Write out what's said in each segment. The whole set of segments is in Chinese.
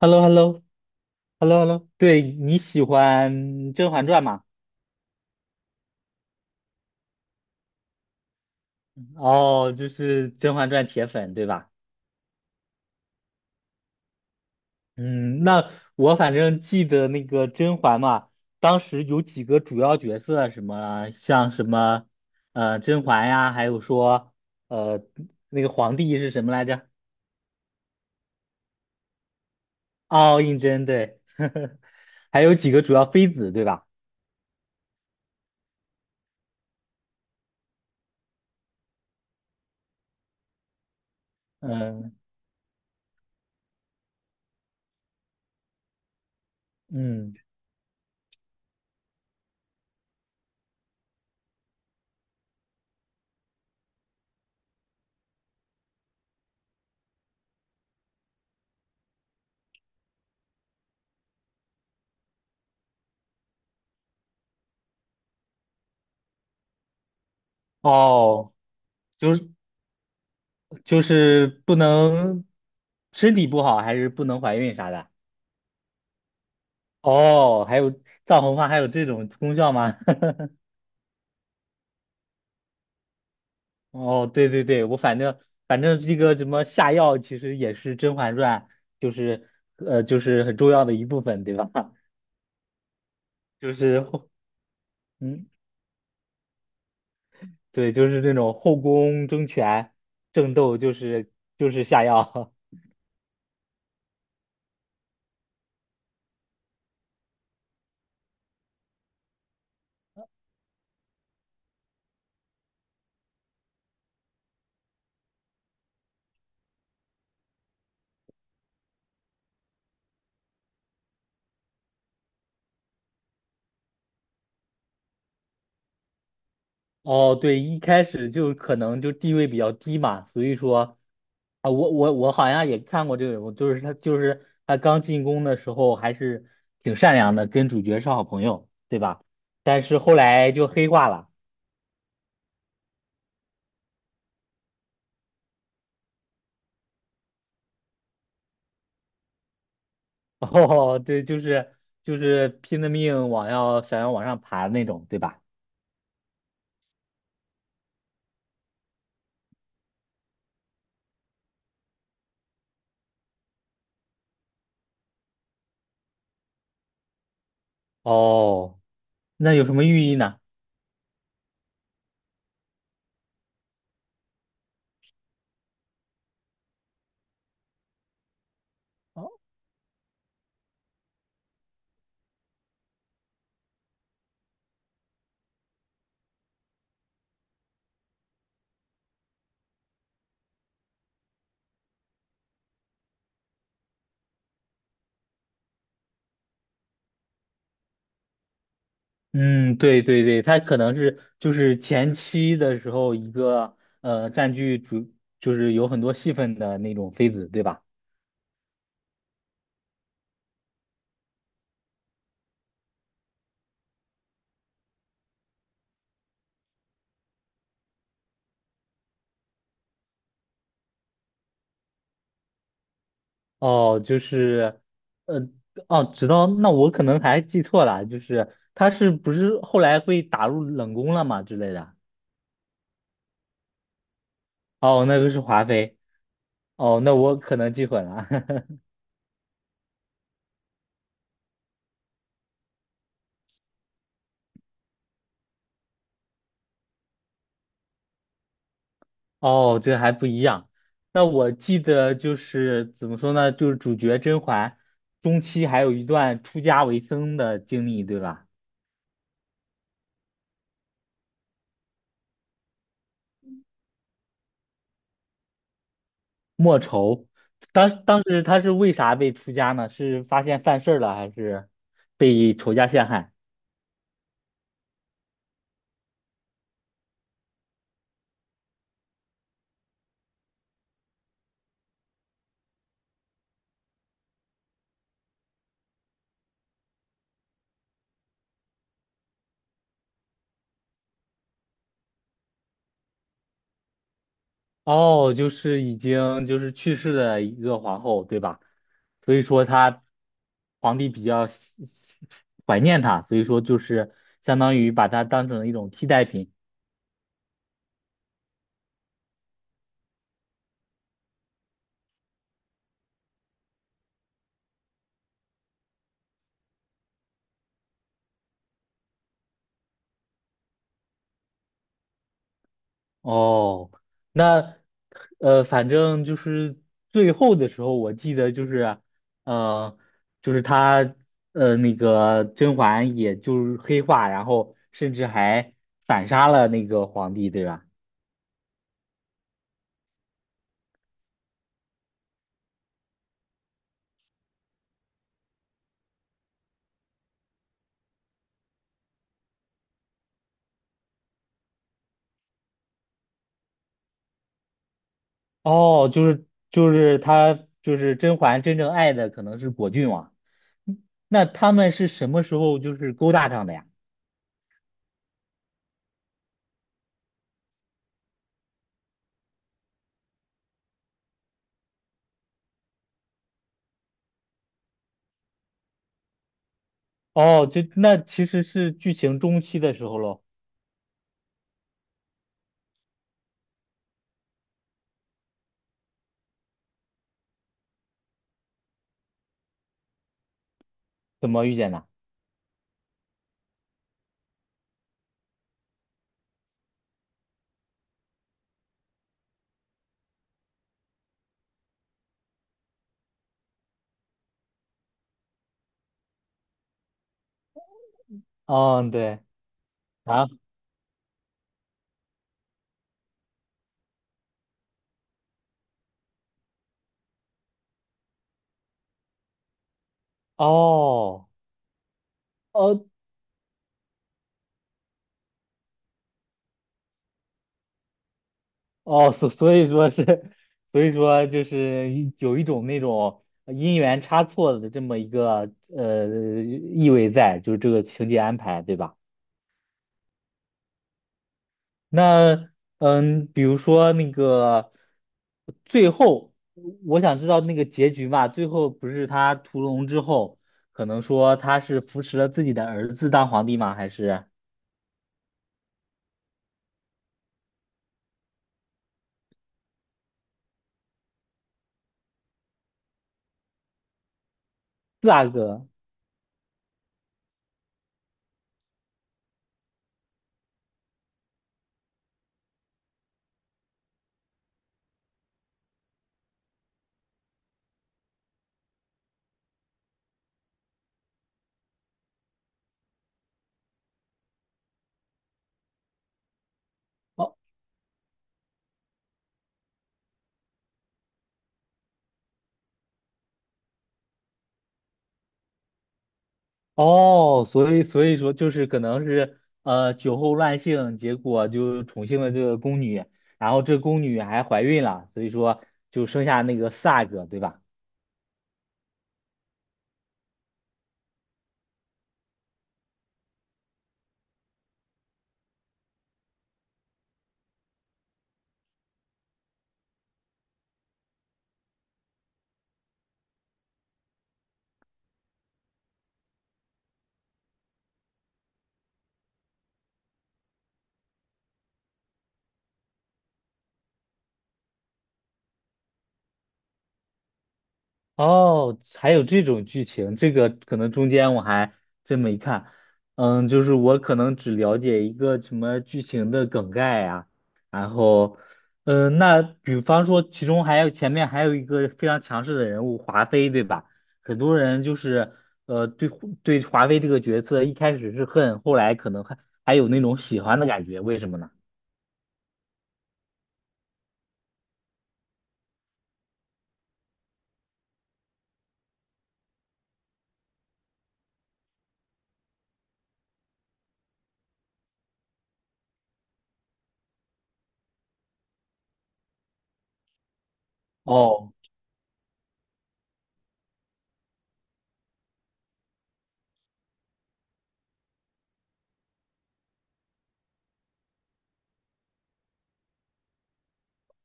h e l l o Hello Hello h e l l o 对，你喜欢《甄嬛传》吗？哦，就是《甄嬛传》铁粉，对吧？嗯，那我反正记得那个甄嬛嘛，当时有几个主要角色，什么像什么甄嬛呀，还有说呃那个皇帝是什么来着？哦，胤禛，对，还有几个主要妃子，对吧？嗯嗯，哦。就是。就是不能身体不好，还是不能怀孕啥的。哦，还有藏红花还有这种功效吗？哦，对对对，我反正这个什么下药，其实也是《甄嬛传》，就是就是很重要的一部分，对吧？就是后嗯，对，就是这种后宫争权争斗，就是下药。哦，对，一开始就可能就地位比较低嘛，所以说啊，我好像也看过这个人物，就是他刚进宫的时候还是挺善良的，跟主角是好朋友，对吧？但是后来就黑化了，哦，对，就是拼了命往要想要往上爬的那种，对吧？哦，那有什么寓意呢？嗯，对对对，他可能是就是前期的时候一个占据主，就是有很多戏份的那种妃子，对吧？哦，就是呃哦，知道，那我可能还记错了，就是他是不是后来被打入冷宫了嘛之类的？哦，那个是华妃。哦，那我可能记混了。哦，这还不一样。那我记得就是怎么说呢，就是主角甄嬛中期还有一段出家为僧的经历，对吧？莫愁，当时他是为啥被出家呢？是发现犯事儿了，还是被仇家陷害？哦，就是已经就是去世的一个皇后，对吧？所以说他皇帝比较怀念她，所以说就是相当于把她当成一种替代品。哦，那反正就是最后的时候，我记得呃，就是他那个甄嬛，也就是黑化，然后甚至还反杀了那个皇帝，对吧？哦，就是他就是甄嬛真正爱的可能是果郡王，嗯，那他们是什么时候就是勾搭上的呀？哦，就那其实是剧情中期的时候喽，怎么遇见的？嗯、对，啊，哦。哦哦，所以说是，所以说就是有一种那种因缘差错的这么一个呃意味在，就是这个情节安排，对吧？那比如说那个最后，我想知道那个结局嘛，最后不是他屠龙之后，可能说他是扶持了自己的儿子当皇帝吗？还是四阿哥？哦，所以说就是可能是酒后乱性，结果就宠幸了这个宫女，然后这宫女还怀孕了，所以说就生下那个 Sag，对吧？哦，还有这种剧情，这个可能中间我还真没看。嗯，就是我可能只了解一个什么剧情的梗概呀、然后，嗯，那比方说，其中还有前面还有一个非常强势的人物华妃，对吧？很多人就是对对华妃这个角色一开始是恨，后来可能还有那种喜欢的感觉，为什么呢？哦。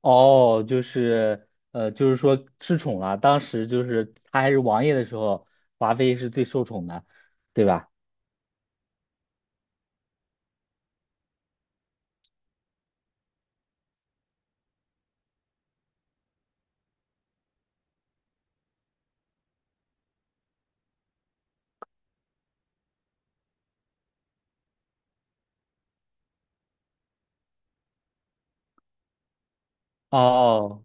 哦，就是就是说失宠了。当时就是他还是王爷的时候，华妃是最受宠的，对吧？哦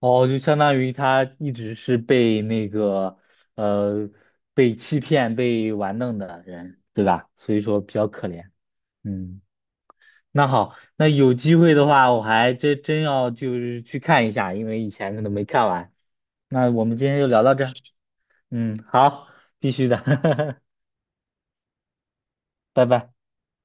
哦，就相当于他一直是被那个呃被欺骗、被玩弄的人，对吧？所以说比较可怜。嗯，那好，那有机会的话，我还真要就是去看一下，因为以前可能没看完。那我们今天就聊到这儿嗯，好，必须的，拜拜。